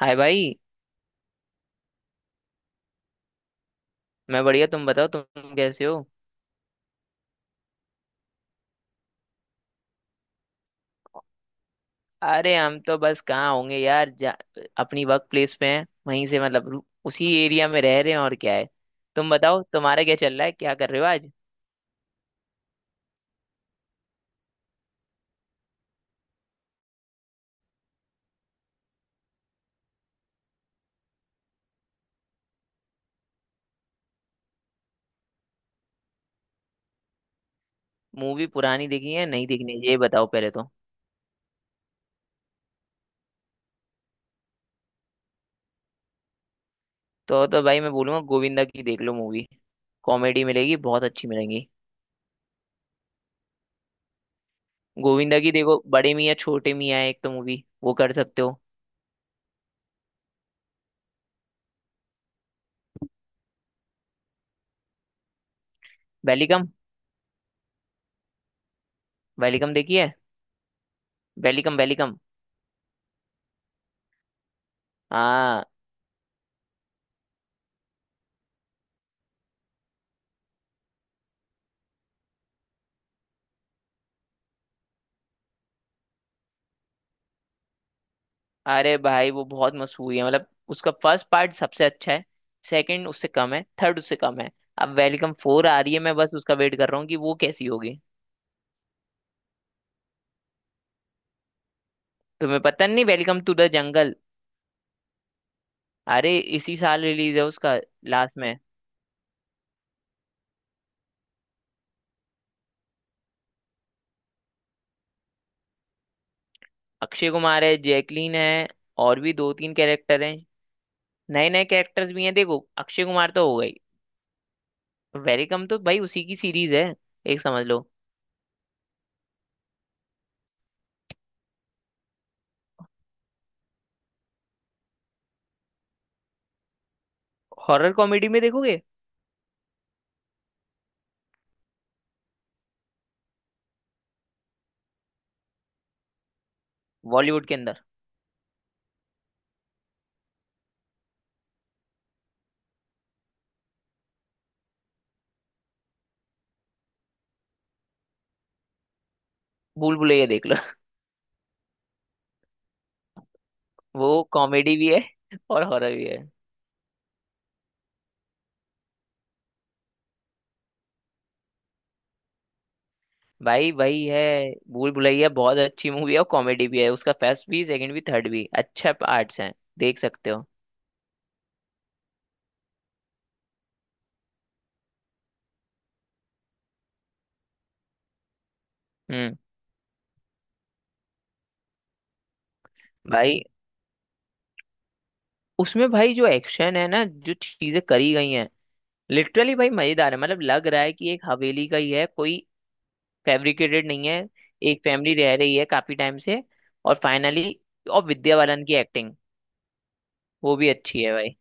हाय भाई। मैं बढ़िया, तुम बताओ तुम कैसे हो। अरे हम तो बस कहाँ होंगे यार, जा, अपनी वर्क प्लेस पे हैं, वहीं से मतलब उसी एरिया में रह रहे हैं, और क्या है। तुम बताओ, तुम्हारा क्या चल रहा है, क्या कर रहे हो आज। मूवी पुरानी देखी है, नहीं देखनी है, ये बताओ पहले। तो तो भाई मैं बोलूंगा, गोविंदा की देख लो मूवी। कॉमेडी मिलेगी, बहुत अच्छी मिलेंगी। गोविंदा की देखो, बड़े मियाँ छोटे मियाँ है एक तो मूवी, वो कर सकते हो। वेलिकम। वेलिकम देखी है। Welcome welcome. हाँ। अरे भाई वो बहुत मशहूर है, मतलब उसका फर्स्ट पार्ट सबसे अच्छा है। सेकंड उससे कम है, थर्ड उससे कम है। अब वेलकम फोर आ रही है, मैं बस उसका वेट कर रहा हूँ कि वो कैसी होगी। तुम्हें पता नहीं वेलकम टू द जंगल। अरे इसी साल रिलीज है उसका, लास्ट में। अक्षय कुमार है, जैकलीन है, और भी दो तीन कैरेक्टर हैं। नए नए कैरेक्टर्स भी हैं। देखो, अक्षय कुमार तो हो गई, वेलकम तो भाई उसी की सीरीज है। एक समझ लो। हॉरर कॉमेडी में देखोगे? बॉलीवुड के अंदर। भूल भुलैया देख लो। वो कॉमेडी भी है और हॉरर भी है। भाई वही है। भूल भुलैया बहुत अच्छी मूवी है और कॉमेडी भी है, उसका फर्स्ट भी, सेकंड भी, थर्ड भी, अच्छा पार्ट्स हैं, देख सकते हो। हम्म। भाई उसमें भाई, जो एक्शन है ना, जो चीजें करी गई हैं, लिटरली भाई मजेदार है, मतलब लग रहा है कि एक हवेली का ही है कोई, फैब्रिकेटेड नहीं है। एक फैमिली रह रही है काफी टाइम से, और फाइनली, और विद्या बालन की एक्टिंग, वो भी अच्छी है भाई।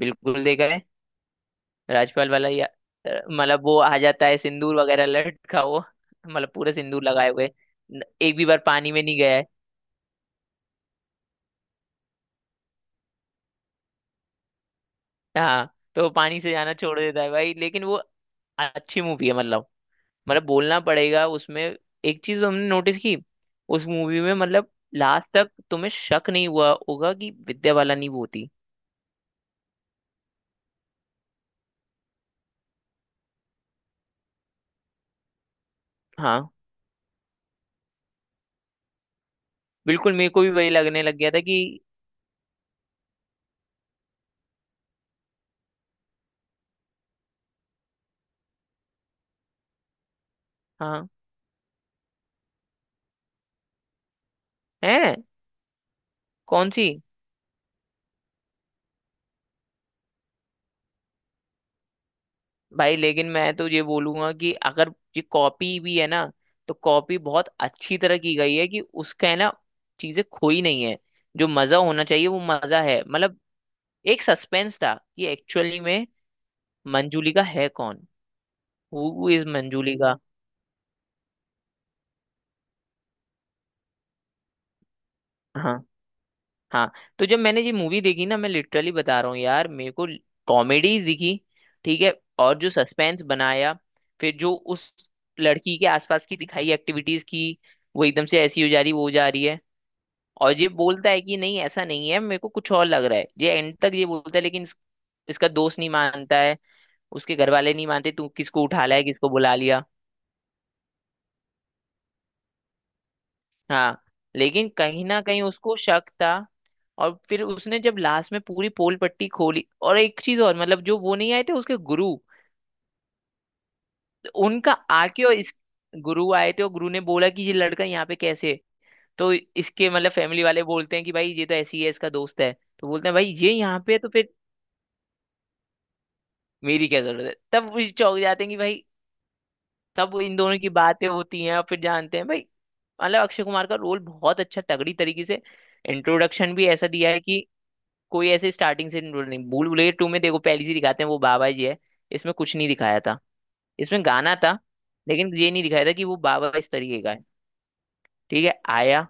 बिल्कुल देखा है। राजपाल वाला, या। मतलब वो आ जाता है सिंदूर वगैरह लटका वो। मतलब पूरे सिंदूर लगाए हुए, एक भी बार पानी में नहीं गया है। हाँ, तो वो पानी से जाना छोड़ देता है भाई, लेकिन वो अच्छी मूवी है, मतलब, बोलना पड़ेगा उसमें। एक चीज हमने नोटिस की। उस मूवी में, मतलब लास्ट तक तुम्हें शक नहीं हुआ होगा कि विद्या बाला नहीं वो थी। हाँ, बिल्कुल मेरे को भी वही लगने लग गया था कि, हाँ। है। कौन सी। भाई लेकिन मैं तो ये बोलूंगा कि अगर ये कॉपी भी है ना, तो कॉपी बहुत अच्छी तरह की गई है, कि उसका है ना, चीजें खोई नहीं है, जो मजा होना चाहिए वो मजा है, मतलब। एक सस्पेंस था कि एक्चुअली में मंजूलिका है कौन। Who is Manjulika. हाँ। हाँ। तो जब मैंने ये मूवी देखी ना, मैं लिटरली बता रहा हूँ यार, मेरे को कॉमेडीज दिखी। ठीक है। और जो सस्पेंस बनाया, फिर जो उस लड़की के आसपास की दिखाई एक्टिविटीज की, वो एकदम से ऐसी हो जा रही, वो हो जा रही है। और ये बोलता है कि नहीं ऐसा नहीं है, मेरे को कुछ और लग रहा है, ये एंड तक ये बोलता है, लेकिन इसका दोस्त नहीं मानता है। उसके घर वाले नहीं मानते, तू किसको उठा लाया, किसको बुला लिया। हाँ। लेकिन कहीं ना कहीं उसको शक था, और फिर उसने जब लास्ट में पूरी पोल पट्टी खोली, और एक चीज और, मतलब जो वो नहीं आए थे उसके गुरु, उनका आके और इस, गुरु आए थे, और गुरु ने बोला कि ये लड़का यहाँ पे कैसे है? तो इसके मतलब फैमिली वाले बोलते हैं कि भाई ये तो ऐसी है, इसका दोस्त है, तो बोलते हैं भाई ये यहाँ पे है, तो फिर मेरी क्या जरूरत है। तब वो चौंक जाते हैं कि भाई, तब वो इन दोनों की बातें होती हैं, और फिर जानते हैं भाई, मतलब अक्षय कुमार का रोल बहुत अच्छा, तगड़ी तरीके से इंट्रोडक्शन भी ऐसा दिया है कि कोई ऐसे स्टार्टिंग से इंट्रोड नहीं। भूल भुलैया टू में देखो, पहली सी दिखाते हैं वो बाबा जी है। इसमें कुछ नहीं दिखाया था, इसमें गाना था, लेकिन ये नहीं दिखाया था कि वो बाबा इस तरीके का है। ठीक है, आया।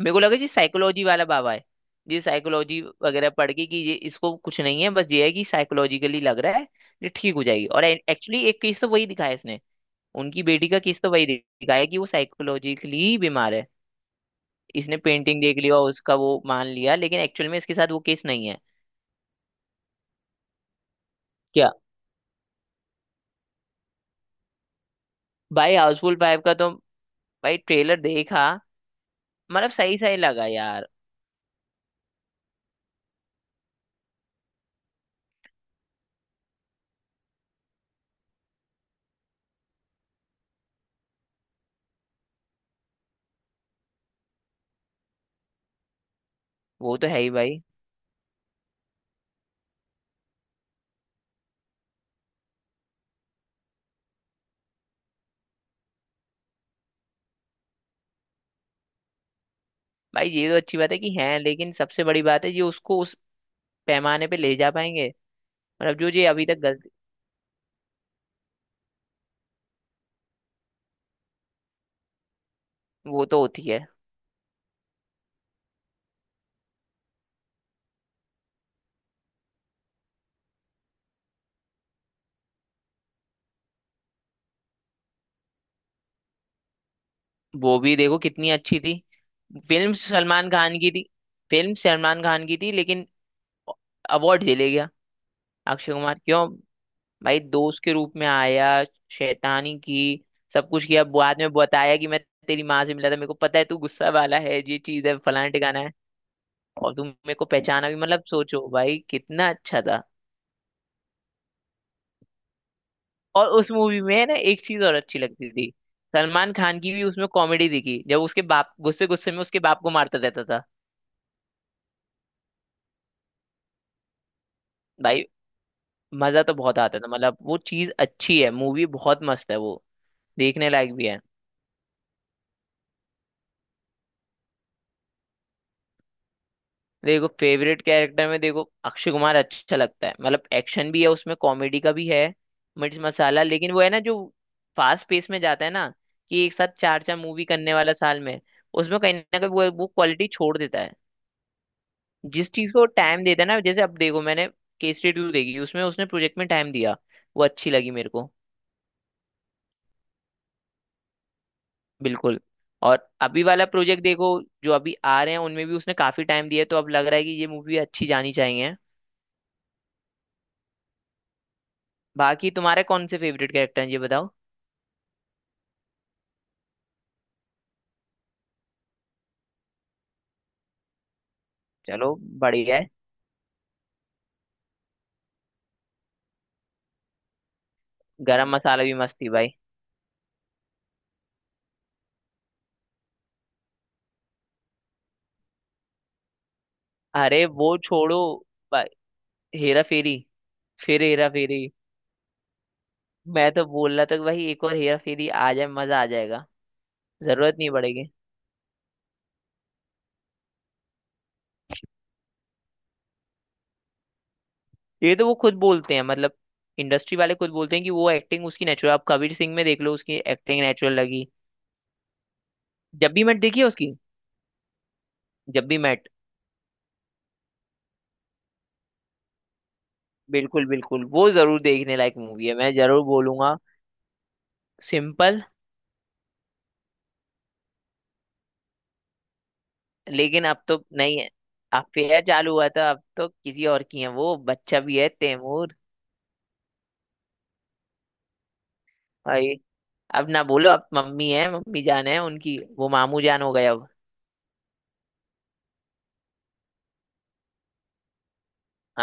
मेरे को लगा जी साइकोलॉजी वाला बाबा है, ये साइकोलॉजी वगैरह पढ़ के, कि ये इसको कुछ नहीं है, बस ये है कि साइकोलॉजिकली लग रहा है ये ठीक हो जाएगी। और एक्चुअली एक केस तो वही दिखाया इसने, उनकी बेटी का केस तो वही दिखाया कि वो साइकोलॉजिकली बीमार है। इसने पेंटिंग देख लिया और उसका वो मान लिया, लेकिन एक्चुअल में इसके साथ वो केस नहीं है। क्या? भाई हाउसफुल फाइव का तो, भाई ट्रेलर देखा, मतलब सही सही लगा यार। वो तो है ही भाई। भाई ये तो अच्छी बात है कि हैं, लेकिन सबसे बड़ी बात है ये उसको उस पैमाने पे ले जा पाएंगे। मतलब जो ये अभी तक गलती। वो तो होती है। वो भी देखो कितनी अच्छी थी। फिल्म सलमान खान की थी। फिल्म सलमान खान की थी, लेकिन अवार्ड ले गया अक्षय कुमार, क्यों? भाई दोस्त के रूप में आया, शैतानी की, सब कुछ किया, बाद में बताया कि मैं तेरी माँ से मिला था, मेरे को पता है तू गुस्सा वाला है, ये चीज है, फलाना ठिकाना है, और तू मेरे को पहचाना भी, मतलब सोचो भाई कितना अच्छा था। और उस मूवी में ना एक चीज और अच्छी लगती थी, सलमान खान की भी उसमें कॉमेडी दिखी, जब उसके बाप गुस्से गुस्से में उसके बाप को मारता रहता था। भाई। मजा तो बहुत आता था, मतलब वो चीज अच्छी है, मूवी बहुत मस्त है वो, देखने लायक भी है। देखो, फेवरेट कैरेक्टर में देखो अक्षय कुमार अच्छा लगता है, मतलब एक्शन भी है उसमें, कॉमेडी का भी है, मिर्च मसाला, लेकिन वो है ना जो फास्ट पेस में जाता है ना, कि एक साथ चार चार मूवी करने वाला साल में, उसमें कहीं ना कहीं वो क्वालिटी छोड़ देता है। जिस चीज को टाइम देता है ना, जैसे अब देखो, मैंने केसरी टू देखी, उसमें उसने प्रोजेक्ट में टाइम दिया, वो अच्छी लगी मेरे को। बिल्कुल। और अभी वाला प्रोजेक्ट देखो, जो अभी आ रहे हैं, उनमें भी उसने काफी टाइम दिया है, तो अब लग रहा है कि ये मूवी अच्छी जानी चाहिए। बाकी तुम्हारे कौन से फेवरेट कैरेक्टर हैं ये बताओ। चलो, बढ़िया है। गरम मसाला भी मस्त थी भाई। अरे वो छोड़ो भाई, हेरा फेरी। फिर हेरा फेरी। मैं तो बोल रहा था कि भाई एक और हेरा फेरी आ जाए, मजा आ जाएगा, जरूरत नहीं पड़ेगी। ये तो वो खुद बोलते हैं, मतलब इंडस्ट्री वाले खुद बोलते हैं कि वो एक्टिंग उसकी नेचुरल, आप कबीर सिंह में देख लो उसकी एक्टिंग नेचुरल लगी। जब भी मैट देखी है उसकी। जब भी मैट, बिल्कुल बिल्कुल, वो जरूर देखने लायक मूवी है, मैं जरूर बोलूंगा। सिंपल। लेकिन अब तो नहीं है, अफेयर चालू हुआ था, अब तो किसी और की है, वो बच्चा भी है तैमूर। भाई, अब ना बोलो, अब मम्मी है, मम्मी जान है उनकी, वो मामू जान हो गए अब।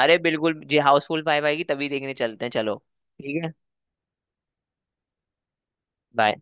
अरे बिल्कुल जी, हाउसफुल फाइव आएगी तभी देखने चलते हैं, चलो। ठीक है, बाय।